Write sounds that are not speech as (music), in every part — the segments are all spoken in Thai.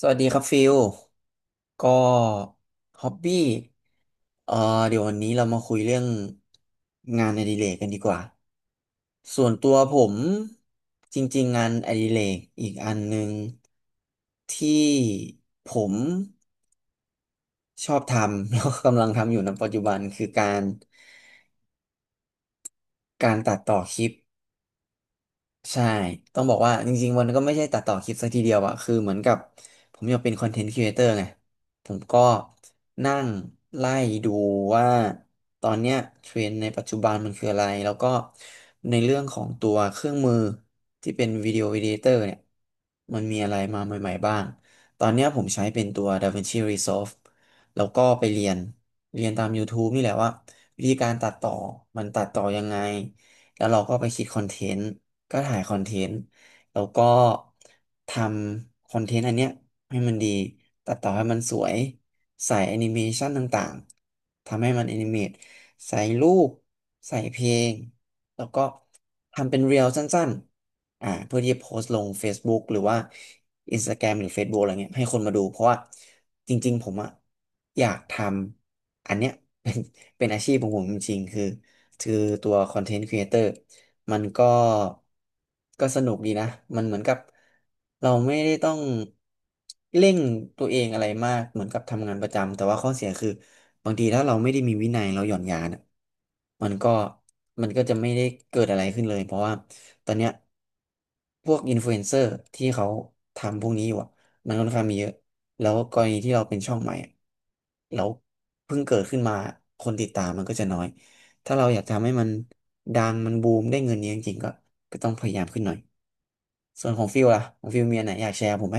สวัสดีครับฟิลก็ฮอบบี้เอ่อเดี๋ยววันนี้เรามาคุยเรื่องงานอดิเรกกันดีกว่าส่วนตัวผมจริงๆงานอดิเรกอีกอันหนึ่งที่ผมชอบทำ (laughs) แล้วก็กำลังทำอยู่ในปัจจุบันคือการตัดต่อคลิป ใช่ ต้องบอกว่าจริงๆ วันก็ไม่ใช่ตัดต่อคลิปซะทีเดียวอะคือเหมือนกับผมอยากเป็นคอนเทนต์ครีเอเตอร์ไงผมก็นั่งไล่ดูว่าตอนเนี้ยเทรนด์ในปัจจุบันมันคืออะไร แล้วก็ในเรื่องของตัวเครื่องมือที่เป็นวิดีโอ e d ด t เตอร์เนี่ยมันมีอะไรมาใหม่ๆบ้าง ตอนเนี้ยผมใช้เป็นตัว DaVinci Resolve แล้วก็ไปเรียนตาม YouTube นี่แหละว่าวิธีการตัดต่อมันตัดต่อยังไง แล้วเราก็ไปคิดคอนเทนต์ก็ถ่ายคอนเทนต์แล้วก็ทำคอนเทนต์อันเนี้ยให้มันดีตัดต่อให้มันสวยใส่แอนิเมชันต่างๆทำให้มันแอนิเมตใส่รูปใส่เพลงแล้วก็ทำเป็นเรียลสั้นๆเพื่อที่จะโพสต์ลง Facebook หรือว่า Instagram หรือ Facebook อะไรเงี้ยให้คนมาดูเพราะว่าจริงๆผมอะอยากทำอันเนี้ย (laughs) เป็นเป็นอาชีพของผมจริงๆคือ คือตัวคอนเทนต์ครีเอเตอร์มันก็สนุกดีนะมันเหมือนกับเราไม่ได้ต้องเร่งตัวเองอะไรมากเหมือนกับทำงานประจำแต่ว่าข้อเสียคือบางทีถ้าเราไม่ได้มีวินัยเราหย่อนยานอะมันก็มันก็จะไม่ได้เกิดอะไรขึ้นเลยเพราะว่าตอนเนี้ยพวกอินฟลูเอนเซอร์ที่เขาทำพวกนี้อยู่อะมันค่อนข้างมีเยอะแล้วกรณีที่เราเป็นช่องใหม่อะแล้วเพิ่งเกิดขึ้นมาคนติดตามมันก็จะน้อย ถ้าเราอยากจะทำให้มันดังมันบูมได้เงินเยอะจริงๆก็ต้องพยายามขึ้นหน่อยส่วนของฟิลล่ะของฟิลมีอันไหนอยากแชร์ผมไหม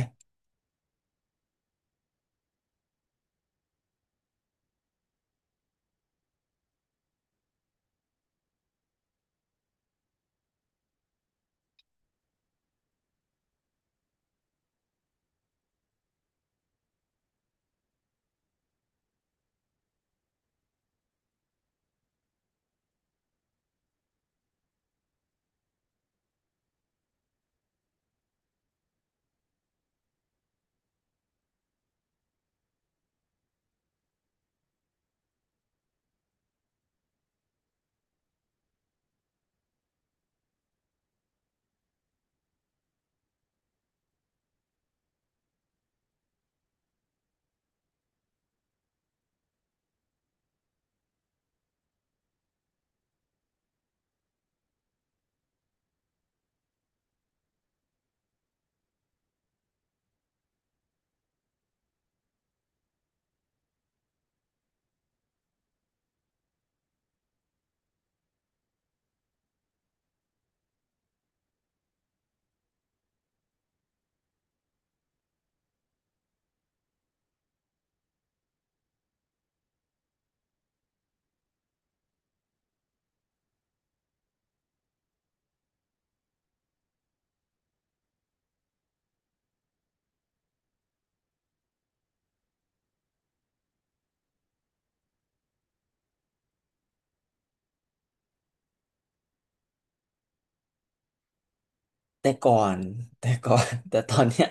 แต่ก่อน (laughs) แต่ก่อน (laughs) แต่ตอนเนี้ย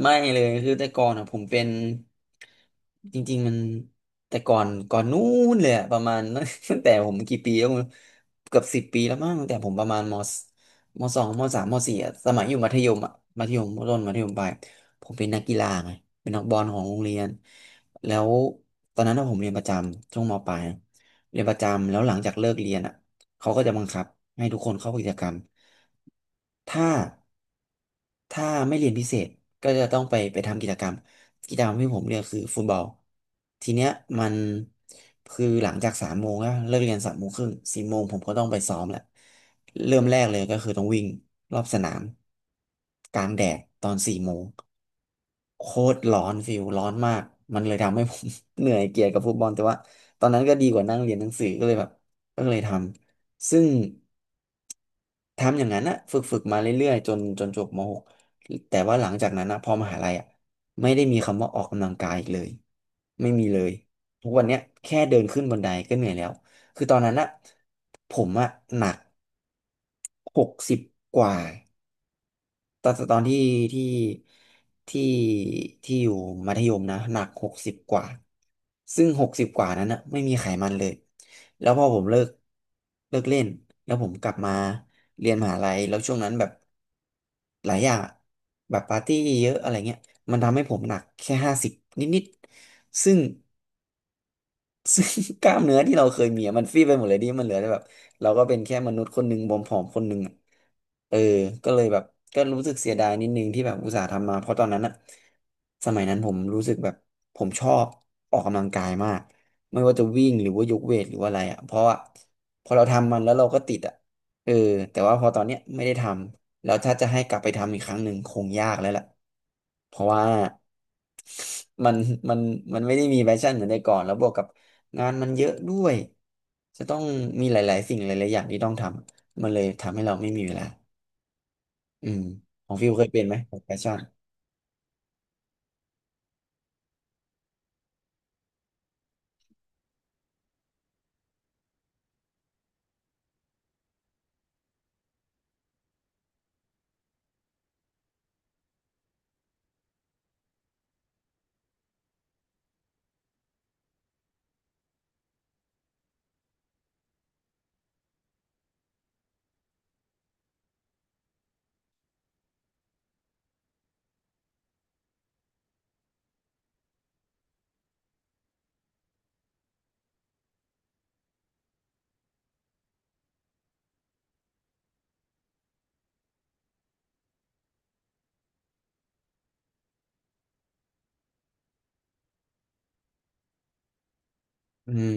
ไม่เลยคือแต่ก่อนอ่ะผมเป็นจริงๆมันแต่ก่อนนู้นเลยอะประมาณ (laughs) ตั้งแต่ผมกี่ปีแล้วไม่รู้เกือบ10 ปีแล้วมั้งตั้งแต่ผมประมาณมสมสองมสามมสี่อะสมัยอยู่มัธยมอะมัธยมต้นมัธยมปลายผมเป็นนักกีฬาไงเป็นนักบอลของโรงเรียนแล้วตอนนั้นอะผมเรียนประจำช่วงมปลายนะเรียนประจำแล้วหลังจากเลิกเรียนอ่ะเขาก็จะบังคับให้ทุกคนเข้ากิจกรรมถ้า ไม่เรียนพิเศษก็จะต้องไปทำกิจกรรมที่ผมเลือกคือฟุตบอลทีเนี้ยมันคือหลังจากสามโมงอะเลิกเรียน3 โมงครึ่งสี่โมงผมก็ต้องไปซ้อมแหละเริ่มแรกเลยก็คือต้องวิ่งรอบสนามกลางแดดตอนสี่โมงโคตรร้อนฟิลร้อนมากมันเลยทำให้ผม (laughs) เหนื่อยเกียจกับฟุตบอลแต่ว่าตอนนั้นก็ดีกว่านั่งเรียนหนังสือก็เลยแบบก็เลยทำซึ่ง ทำอย่างนั้นอะฝึกมาเรื่อยๆจนจบม .6 แต่ว่าหลังจากนั้นนะพอมหาลัยอะไม่ได้มีคำว่าออกกำลังกายอีกเลยไม่มีเลยทุกวันเนี้ยแค่เดินขึ้นบันไดก็เหนื่อยแล้วคือตอนนั้นอะผมอะหนักหกสิบกว่า ตอนตอนที่ที่ที่ที่อยู่มัธยมนะหนักหกสิบกว่าซึ่งหกสิบกว่านั้นนะไม่มีไขมันเลยแล้วพอผมเลิกเล่นแล้วผมกลับมาเรียนมหาลัยแล้วช่วงนั้นแบบหลายอย่างอะแบบปาร์ตี้เยอะอะไรเงี้ยมันทำให้ผมหนักแค่50นิดๆซึ่ง (laughs) ซึ่งกล้ามเนื้อที่เราเคยมีอะมันฟีบไปหมดเลยดิมันเหลือแต่แบบเราก็เป็นแค่มนุษย์คนหนึ่งผอมๆคนหนึ่งอะเออก็เลยแบบก็รู้สึกเสียดายนิดนึงที่แบบอุตส่าห์ทำมาเพราะตอนนั้นอะสมัยนั้นผมรู้สึกแบบผมชอบออกกำลังกายมากไม่ว่าจะวิ่งหรือว่ายกเวทหรือว่าอะไรอะเพราะว่าพอเราทำมันแล้วเราก็ติดอะเออแต่ว่าพอตอนเนี้ยไม่ได้ทำแล้วถ้าจะให้กลับไปทำอีกครั้งหนึ่งคงยากแล้วล่ะเพราะว่า มันมันมันไม่ได้มีแพชชั่นเหมือนแต่ก่อนแล้วบวกกับงานมันเยอะด้วยจะต้องมีหลายๆสิ่งหลายๆอย่างที่ต้องทำมันเลยทำให้เราไม่มีเวลาอืมของฟิวเคยเป็นไหมแพชชั่นอืม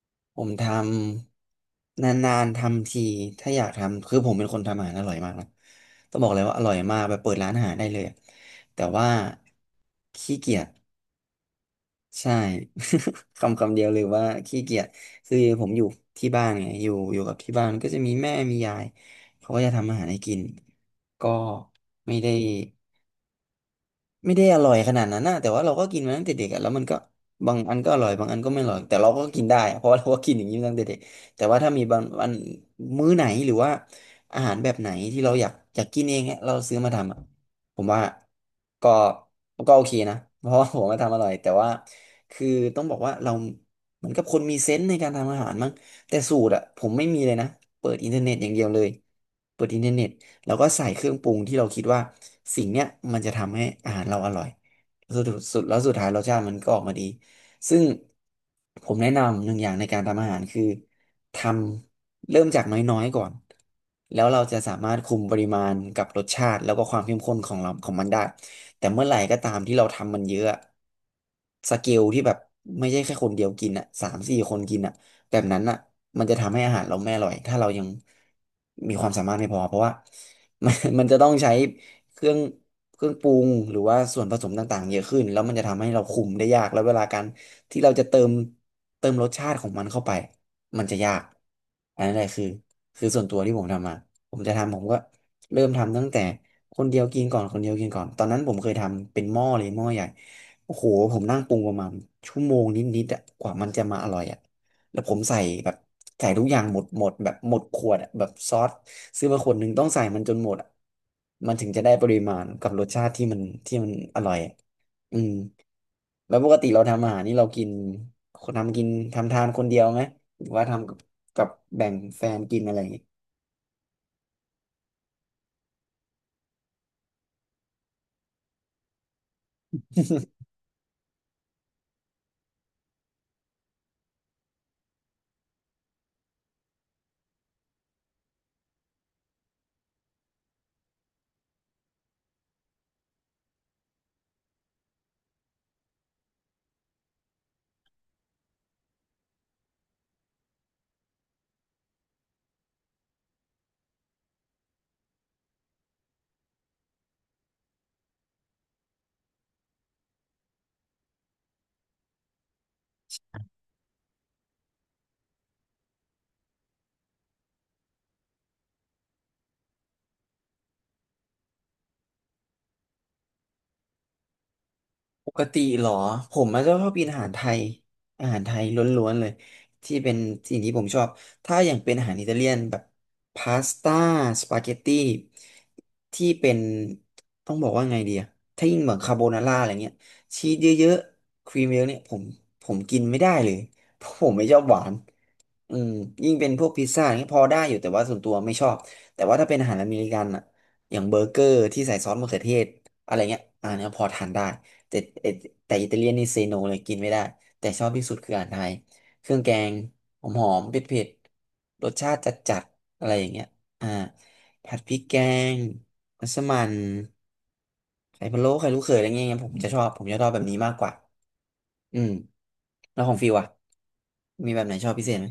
(laughs) ผมทำนานๆทำทีถ้าอยากทำคือผมเป็นคนทำอาหารอร่อยมากนะต้องบอกเลยว่าอร่อยมากแบบเปิดร้านอาหารได้เลยอะแต่ว่าขี้เกียจ ใช่ (laughs) คำคำเดียวเลยว่าขี้เกียจคือผมอยู่ที่บ้านไงอยู่กับที่บ้านก็จะมีแม่มียายเขาก็จะทำอาหารให้กินก็ไม่ได้ ไม่ได้อร่อยขนาดนั้นนะแต่ว่าเราก็กินมาตั้งแต่เด็กอะแล้วมันก็บางอันก็อร่อยบางอันก็ไม่อร่อยแต่เราก็กินได้อะ (laughs) เพราะว่าเราก็กินอย่างนี้มาตั้งแต่เด็กแต่ว่าถ้ามีบางอันมื้อไหนหรือว่าอาหารแบบไหนที่เราอยากกินเองอะเราซื้อมาทำอะผมว่าก็ก็โอเคนะเพราะว่าผมมาทำอร่อยแต่ว่าคือต้องบอกว่าเราเหมือนกับคนมีเซนส์ในการทำอาหารมั้ง แต่สูตรอะผมไม่มีเลยนะเปิดอินเทอร์เน็ตอย่างเดียวเลยเปิดอินเทอร์เน็ตแล้วก็ใส่เครื่องปรุงที่เราคิดว่าสิ่งเนี้ยมันจะทำให้อาหารเราอร่อยสุดสุดแล้วสุดท้ายรสชาติมันก็ออกมาดีซึ่งผมแนะนำหนึ่งอย่างในการทำอาหารคือทำเริ่มจากน้อยๆก่อนแล้วเราจะสามารถคุมปริมาณกับรสชาติแล้วก็ความเข้มข้นของเราของมันได้แต่เมื่อไหร่ก็ตามที่เราทำมันเยอะอะสเกลที่แบบไม่ใช่แค่คนเดียวกินอ่ะสามสี่คนกินอ่ะ แบบนั้นอ่ะมันจะทำให้อาหารเราไม่อร่อย ถ้าเรายังมีความสามารถไม่พอเพราะว่า (laughs) มันจะต้องใช้เครื่องเครื่องปรุงหรือว่าส่วนผสมต่างๆเยอะขึ้นแล้วมันจะทำให้เราคุมได้ยากแล้วเวลาการที่เราจะเติมรสชาติของมันเข้าไปมันจะยากอันนั้นแหละคือส่วนตัวที่ผมทำมาผมจะทำผมก็เริ่มทำตั้งแต่คนเดียวกินก่อนคนเดียวกินก่อน ตอนนั้นผมเคยทำเป็นหม้อเลยหม้อใหญ่โอ้โหผมนั่งปรุงประมาณชั่วโมงนิดๆอะกว่ามันจะมาอร่อยอะ แล้วผมใส่แบบใส่ทุกอย่างหมดแบบหมดขวดอะแบบซอสซื้อมาขวดหนึ่งต้องใส่มันจนหมดอะมันถึงจะได้ปริมาณกับรสชาติที่มันอร่อยอะอืมแล้วปกติเราทำอาหารนี่เรากินคนทำกินทำทานคนเดียวไหมหรือว่าทำกับแบ่งแฟนกินอะไรอย่างงี้ ปกติเหรอผมมันก็ชอบกินอาหารไทยอาหารไทยล้วนๆเลยที่เป็นสิ่งที่ผมชอบถ้าอย่างเป็นอาหารอิตาเลียนแบบพาสต้าสปาเกตตี้ที่เป็นต้องบอกว่าไงดีอะถ้ายิ่งเหมือนคาโบนาร่าอะไรเงี้ยชีสเยอะๆครีมเยอะเนี่ยผมกินไม่ได้เลย (laughs) เพราะผมไม่ชอบหวานอืมยิ่งเป็นพวกพิซซ่าอย่างเงี้ยพอได้อยู่แต่ว่าส่วนตัวไม่ชอบแต่ว่าถ้าเป็นอาหารอเมริกันอะอย่างเบอร์เกอร์ที่ใส่ซอสมะเขือเทศอะไรเงี้ยอันเนี้ยพอทานได้ แต่อ่แต่อิตาเลียนนี่เซโนเลยกินไม่ได้แต่ชอบที่สุดคืออาหารไทยเครื่องแกงหอมหอมเผ็ดเผ็ดๆรสชาติจัดจัดอะไรอย่างเงี้ยอ่าผัดพริกแกงมัสมั่นไข่พะโล้ไข่ลูกเขยอะไรเงี้ยผมจะชอบแบบนี้มากกว่าอืมแล้วของฟิวอะมีแบบไหนชอบพิเศษไหม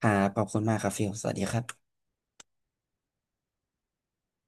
ครับขอบคุณมากครับฟิวสวัสดีครับ